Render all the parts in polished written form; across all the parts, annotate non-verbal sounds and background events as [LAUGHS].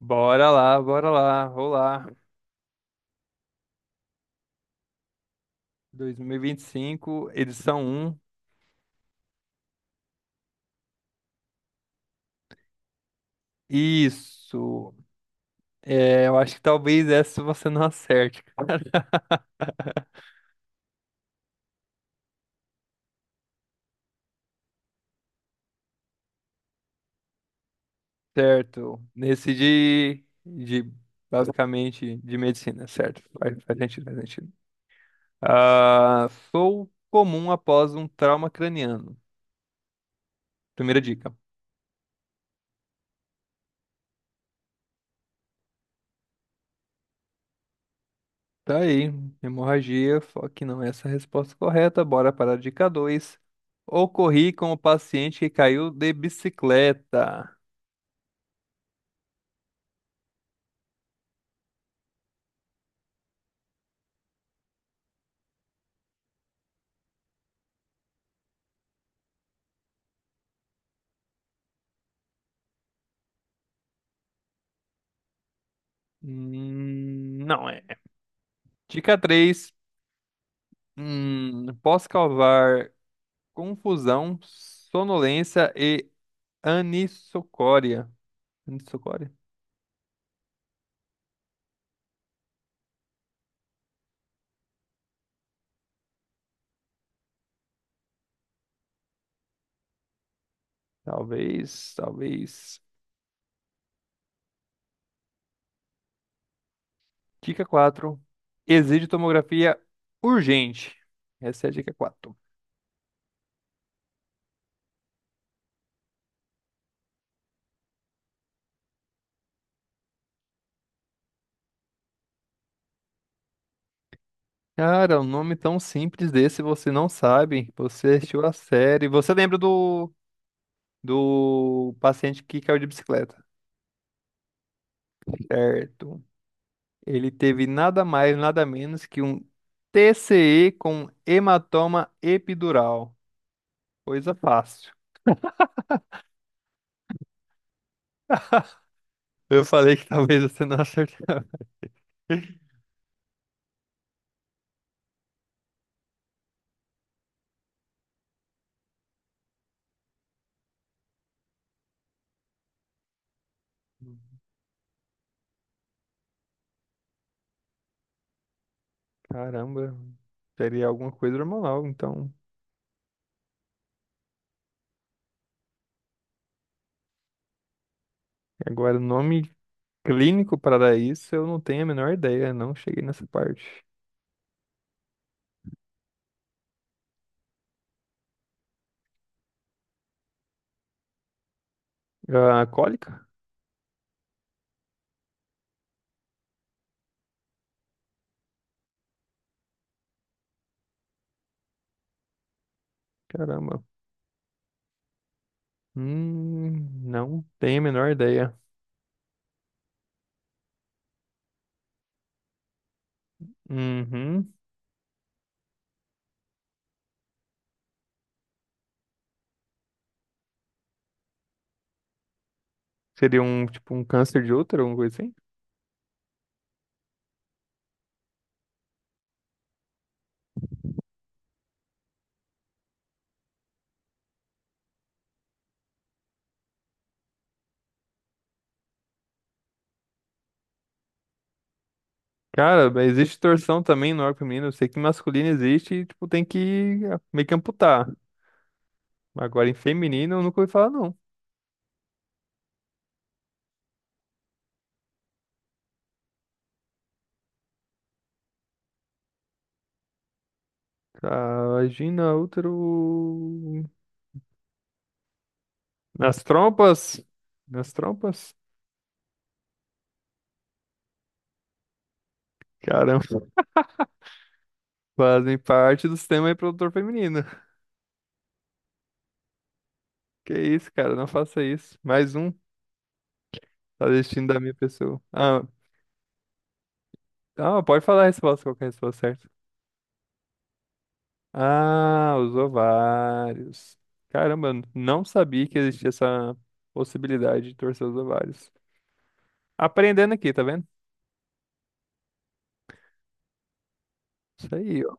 Bora lá, bora lá. Olá. 2025, edição um. Isso. É, eu acho que talvez essa você não acerte, certo? Nesse de basicamente de medicina, certo? Faz sentido, faz sentido. Ah, sou comum após um trauma craniano. Primeira dica. Tá aí, hemorragia, só que não é essa a resposta correta. Bora para a dica 2. Ocorri com o paciente que caiu de bicicleta. Não é. Dica 3. Posso causar confusão, sonolência e anisocoria. Anisocoria? Talvez, talvez. Dica 4. Exige tomografia urgente. Essa é a dica quatro. Cara, um nome tão simples desse você não sabe. Você assistiu a série. Você lembra do, do paciente que caiu de bicicleta, certo? Ele teve nada mais, nada menos que um TCE com hematoma epidural. Coisa fácil. Eu falei que [LAUGHS] talvez você não acertasse. Caramba, seria alguma coisa hormonal, então. Agora, nome clínico para isso, eu não tenho a menor ideia, não cheguei nessa parte. Ah, cólica? Caramba. Hum, não tenho a menor ideia. Uhum. Seria um, tipo, um câncer de útero, alguma coisa assim? Cara, mas existe torção também no arco feminino. Eu sei que masculino existe e, tipo, tem que ah, meio que amputar. Agora, em feminino, eu nunca ouvi falar, não. Ah, vagina, útero... Nas trompas? Nas trompas? Caramba, [LAUGHS] fazem parte do sistema reprodutor feminino. Que isso, cara, não faça isso. Mais um, tá destino da minha pessoa. Ah, ah, pode falar a resposta, qual que é a resposta certa? Ah, os ovários. Caramba, eu não sabia que existia essa possibilidade de torcer os ovários. Aprendendo aqui, tá vendo? Isso aí, ó.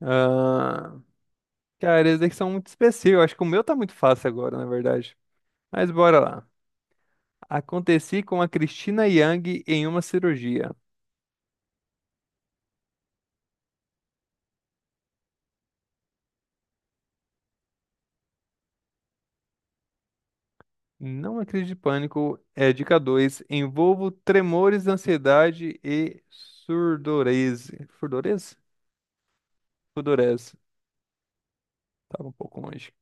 Ah, cara, esses aqui são muito específicos. Eu acho que o meu tá muito fácil agora, na verdade. Mas bora lá. Aconteci com a Cristina Yang em uma cirurgia. Não acredite de pânico. É dica 2. Envolvo tremores, ansiedade e surdorese. Surdorese? Surdorese. Tava um pouco longe.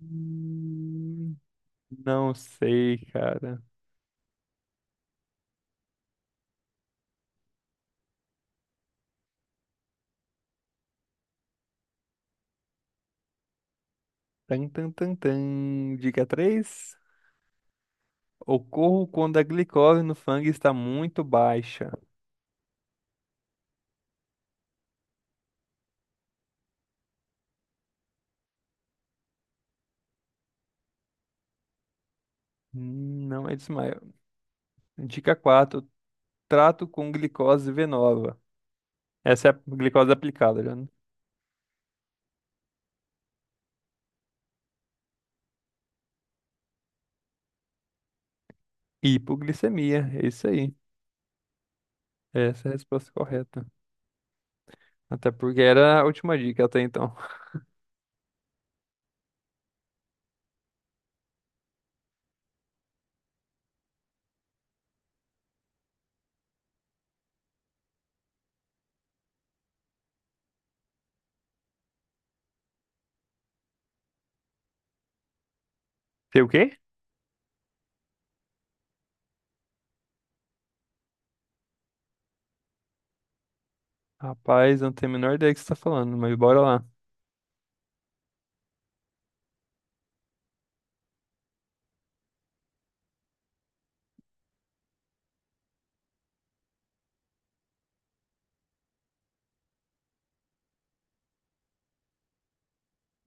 Hum, Não sei, cara. Tan, tan, tan, tan. Dica três: ocorro quando a glicose no sangue está muito baixa. Não é desmaio. Dica quatro: trato com glicose venosa. Essa é a glicose aplicada, já. Né? Hipoglicemia. É isso aí. Essa é a resposta correta. Até porque era a última dica até então. [LAUGHS] Sei o quê? Rapaz, eu não tenho a menor ideia do que você está falando, mas bora lá.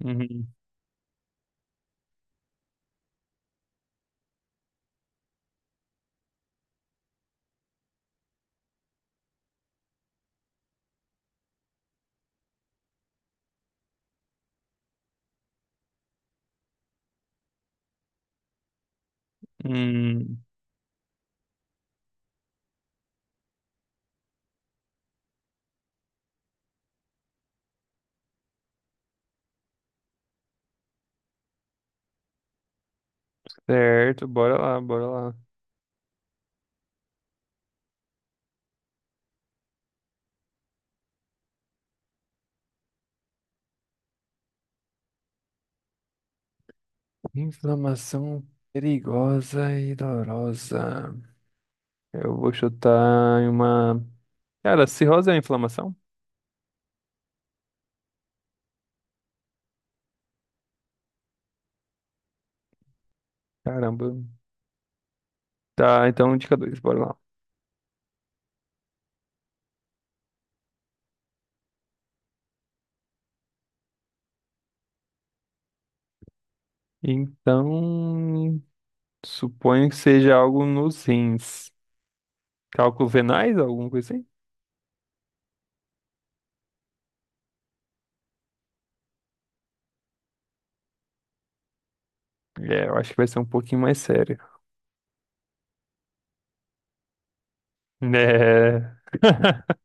Uhum. Hum, certo, bora lá, bora lá. Inflamação perigosa e dolorosa. Eu vou chutar em uma. Cara, cirrose é inflamação? Caramba. Tá, então dica dois, bora lá. Então, suponho que seja algo nos rins. Cálculo venais, alguma coisa assim? É, eu acho que vai ser um pouquinho mais sério. É. [LAUGHS]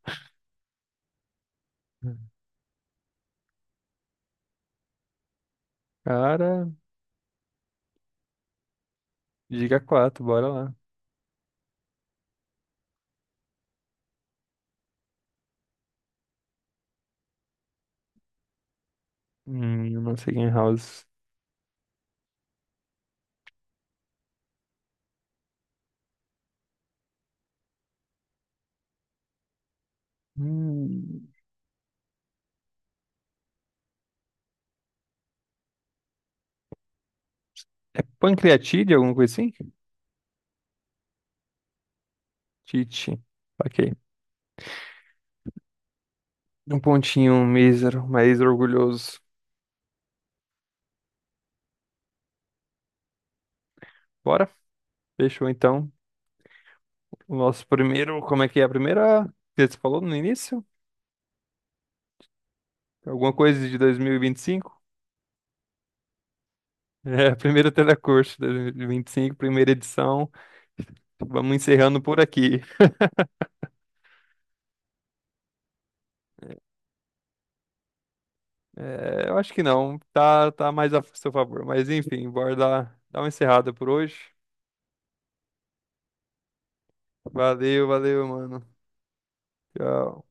Cara, dica quatro, bora lá. Eu não sei quem é House. Hum, é pancreatite, alguma coisa assim? Tite. Ok. Um pontinho mísero, mas orgulhoso. Bora? Fechou então. O nosso primeiro. Como é que é a primeira? Que você falou no início? Alguma coisa de dois mil e vinte e cinco? [LAUGHS] É, primeiro telecurso de cinco, primeira edição. Vamos encerrando por aqui. É, eu acho que não. Tá, tá mais a seu favor. Mas enfim, bora dar uma encerrada por hoje. Valeu, valeu, mano. Tchau.